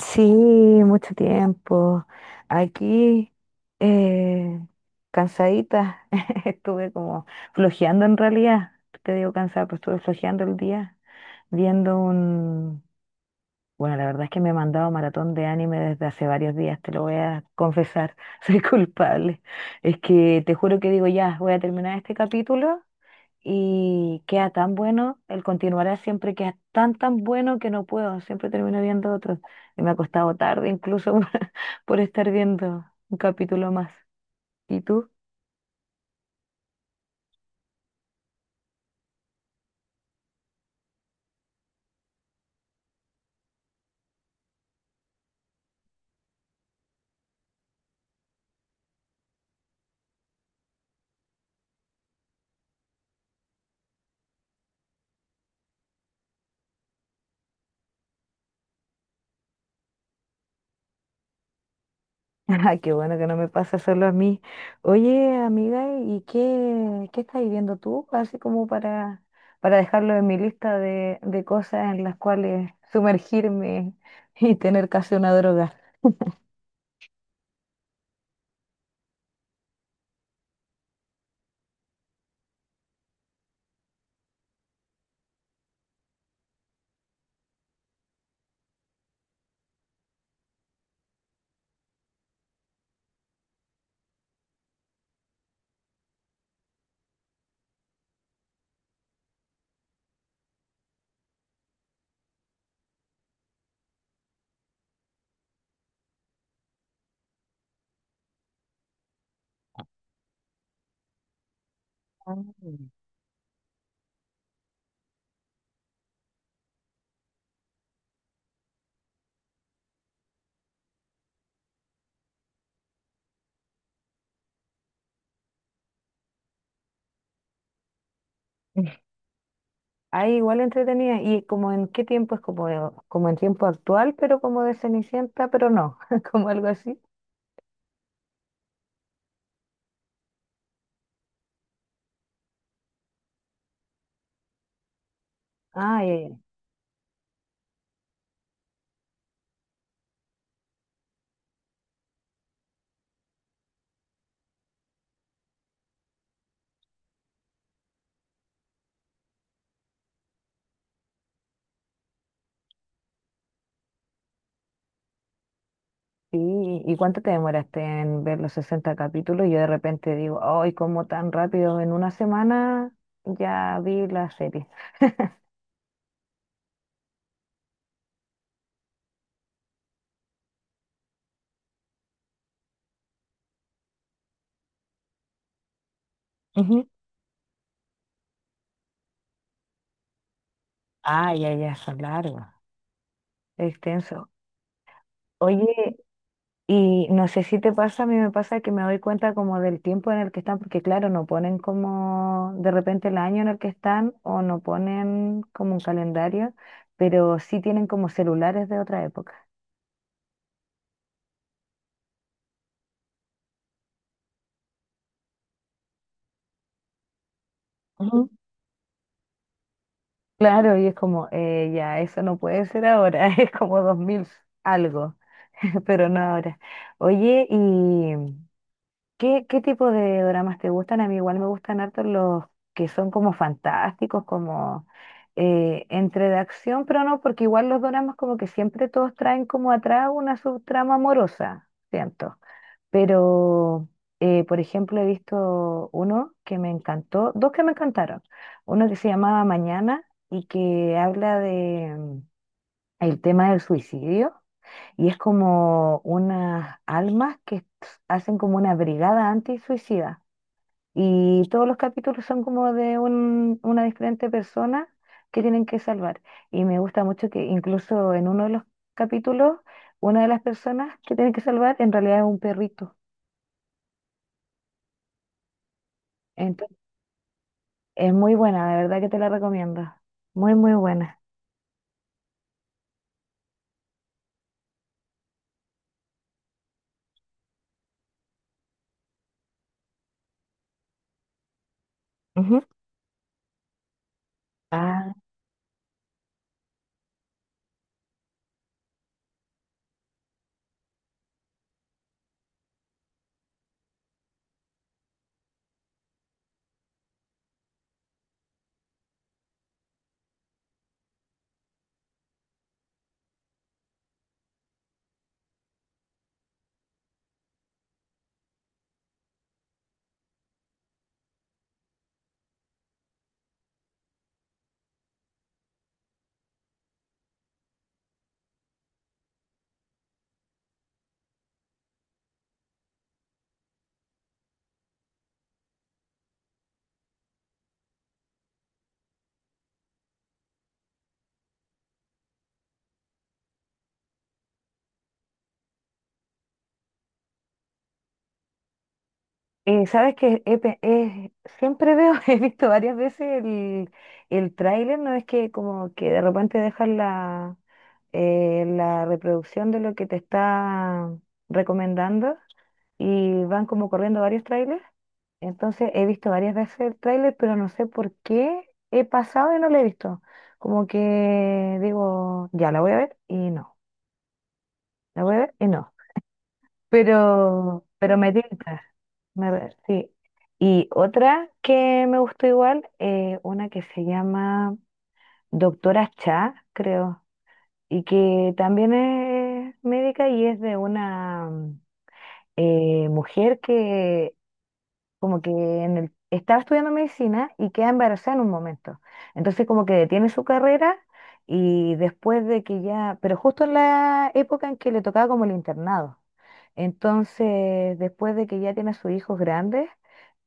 Sí, mucho tiempo. Aquí, eh, cansadita, estuve como flojeando en realidad. Te digo cansada, pero estuve flojeando el día viendo un... Bueno, la verdad es que me he mandado maratón de anime desde hace varios días, te lo voy a confesar, soy culpable. Es que te juro que digo, ya, voy a terminar este capítulo y queda tan bueno, el continuará siempre queda tan tan bueno que no puedo, siempre termino viendo otro. Y me ha costado tarde incluso por estar viendo un capítulo más. ¿Y tú? Ay, qué bueno que no me pasa solo a mí. Oye, amiga, ¿y qué estás viendo tú? Así como para dejarlo en mi lista de cosas en las cuales sumergirme y tener casi una droga. Ah. Ay, igual entretenida. ¿Y como en qué tiempo? Es como, como en tiempo actual, pero como de Cenicienta, pero no, como algo así. Ah, ay, sí. ¿Y cuánto te demoraste en ver los 60 capítulos? Yo de repente digo, ay, ¿cómo tan rápido? En una semana ya vi la serie. Ujú. Ay, ya, ya, son largos, extenso. Oye, y no sé si te pasa, a mí me pasa que me doy cuenta como del tiempo en el que están, porque claro, no ponen como de repente el año en el que están o no ponen como un calendario, pero sí tienen como celulares de otra época. Ujú. Claro, y es como, ya, eso no puede ser ahora, es como 2000 algo, pero no ahora. Oye, y ¿qué tipo de dramas te gustan? A mí igual me gustan harto los que son como fantásticos, como entre de acción, pero no, porque igual los dramas como que siempre todos traen como atrás una subtrama amorosa, siento. Pero, por ejemplo, he visto uno que me encantó, dos que me encantaron. Uno que se llamaba Mañana y que habla de el tema del suicidio y es como unas almas que hacen como una brigada antisuicida. Y todos los capítulos son como de una diferente persona que tienen que salvar. Y me gusta mucho que incluso en uno de los capítulos, una de las personas que tienen que salvar en realidad es un perrito. Entonces, es muy buena, de verdad que te la recomiendo. Muy, muy buena. Ujú. Ah, sabes que siempre veo, he visto varias veces el tráiler, no es que como que de repente dejan la reproducción de lo que te está recomendando y van como corriendo varios trailers. Entonces he visto varias veces el tráiler, pero no sé por qué he pasado y no lo he visto. Como que digo, ya la voy a ver y no, la voy a ver y no. Pero me tinta. Sí. Y otra que me gustó igual, una que se llama Doctora Cha, creo, y que también es médica y es de una mujer que como que estaba estudiando medicina y queda embarazada en un momento. Entonces como que detiene su carrera y después de que ya, pero justo en la época en que le tocaba como el internado. Entonces, después de que ya tiene a sus hijos grandes,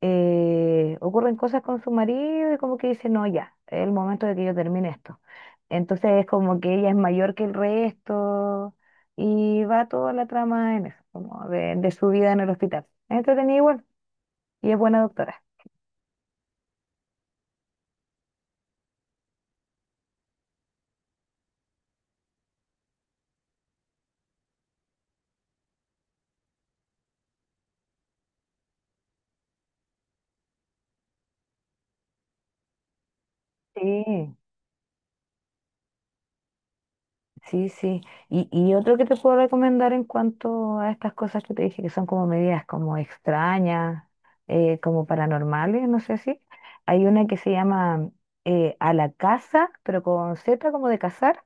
ocurren cosas con su marido y como que dice, no, ya, es el momento de que yo termine esto. Entonces es como que ella es mayor que el resto y va toda la trama en eso, como de su vida en el hospital. Es entretenida igual. Y es buena doctora. Sí, sí, sí. Y otro que te puedo recomendar en cuanto a estas cosas que te dije, que son como medidas como extrañas, como paranormales, no sé si. Hay una que se llama A la Casa, pero con Z como de cazar,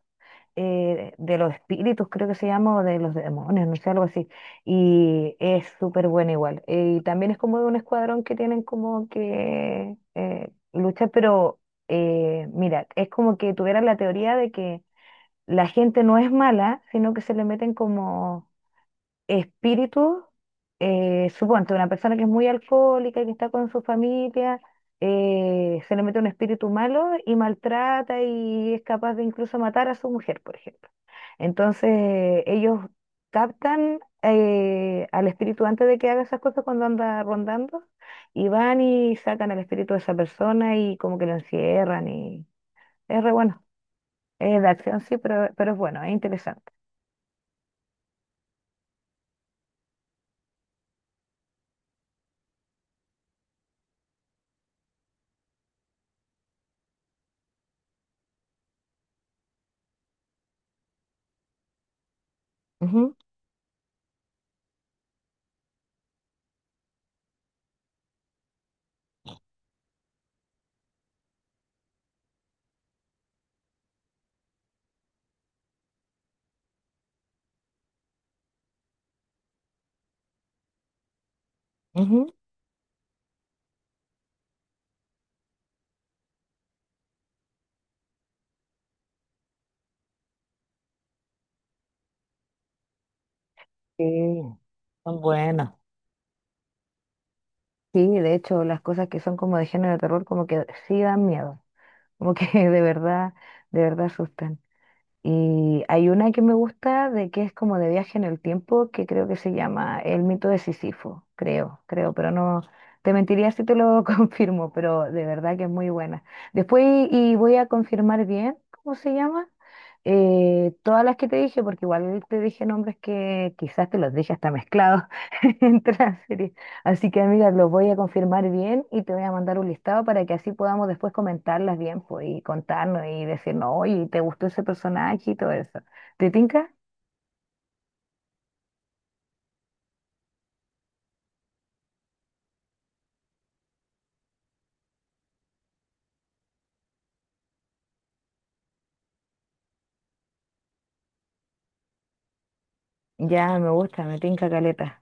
de los espíritus, creo que se llama, o de los demonios, no sé, algo así. Y es súper buena igual. Y también es como de un escuadrón que tienen como que lucha, pero mira, es como que tuviera la teoría de que la gente no es mala, sino que se le meten como espíritus. Suponte, una persona que es muy alcohólica y que está con su familia, se le mete un espíritu malo y maltrata y es capaz de incluso matar a su mujer, por ejemplo. Entonces, ellos captan al espíritu antes de que haga esas cosas cuando anda rondando y van y sacan al espíritu de esa persona y como que lo encierran y es re bueno. Es de acción, sí, pero es bueno, es interesante. Ujú, ujú. Sí, son buenas. Sí, de hecho, las cosas que son como de género de terror, como que sí dan miedo, como que de verdad asustan. Y hay una que me gusta de que es como de viaje en el tiempo, que creo que se llama El Mito de Sísifo, creo, creo, pero no te mentiría si te lo confirmo, pero de verdad que es muy buena. Después y voy a confirmar bien cómo se llama. Todas las que te dije, porque igual te dije nombres que quizás te los dije hasta mezclados entre las series. Así que, amiga, lo voy a confirmar bien y te voy a mandar un listado para que así podamos después comentarlas bien, pues, y contarnos y decirnos, oye, ¿te gustó ese personaje y todo eso? ¿Te tinca? Ya, me gusta, me tinca caleta.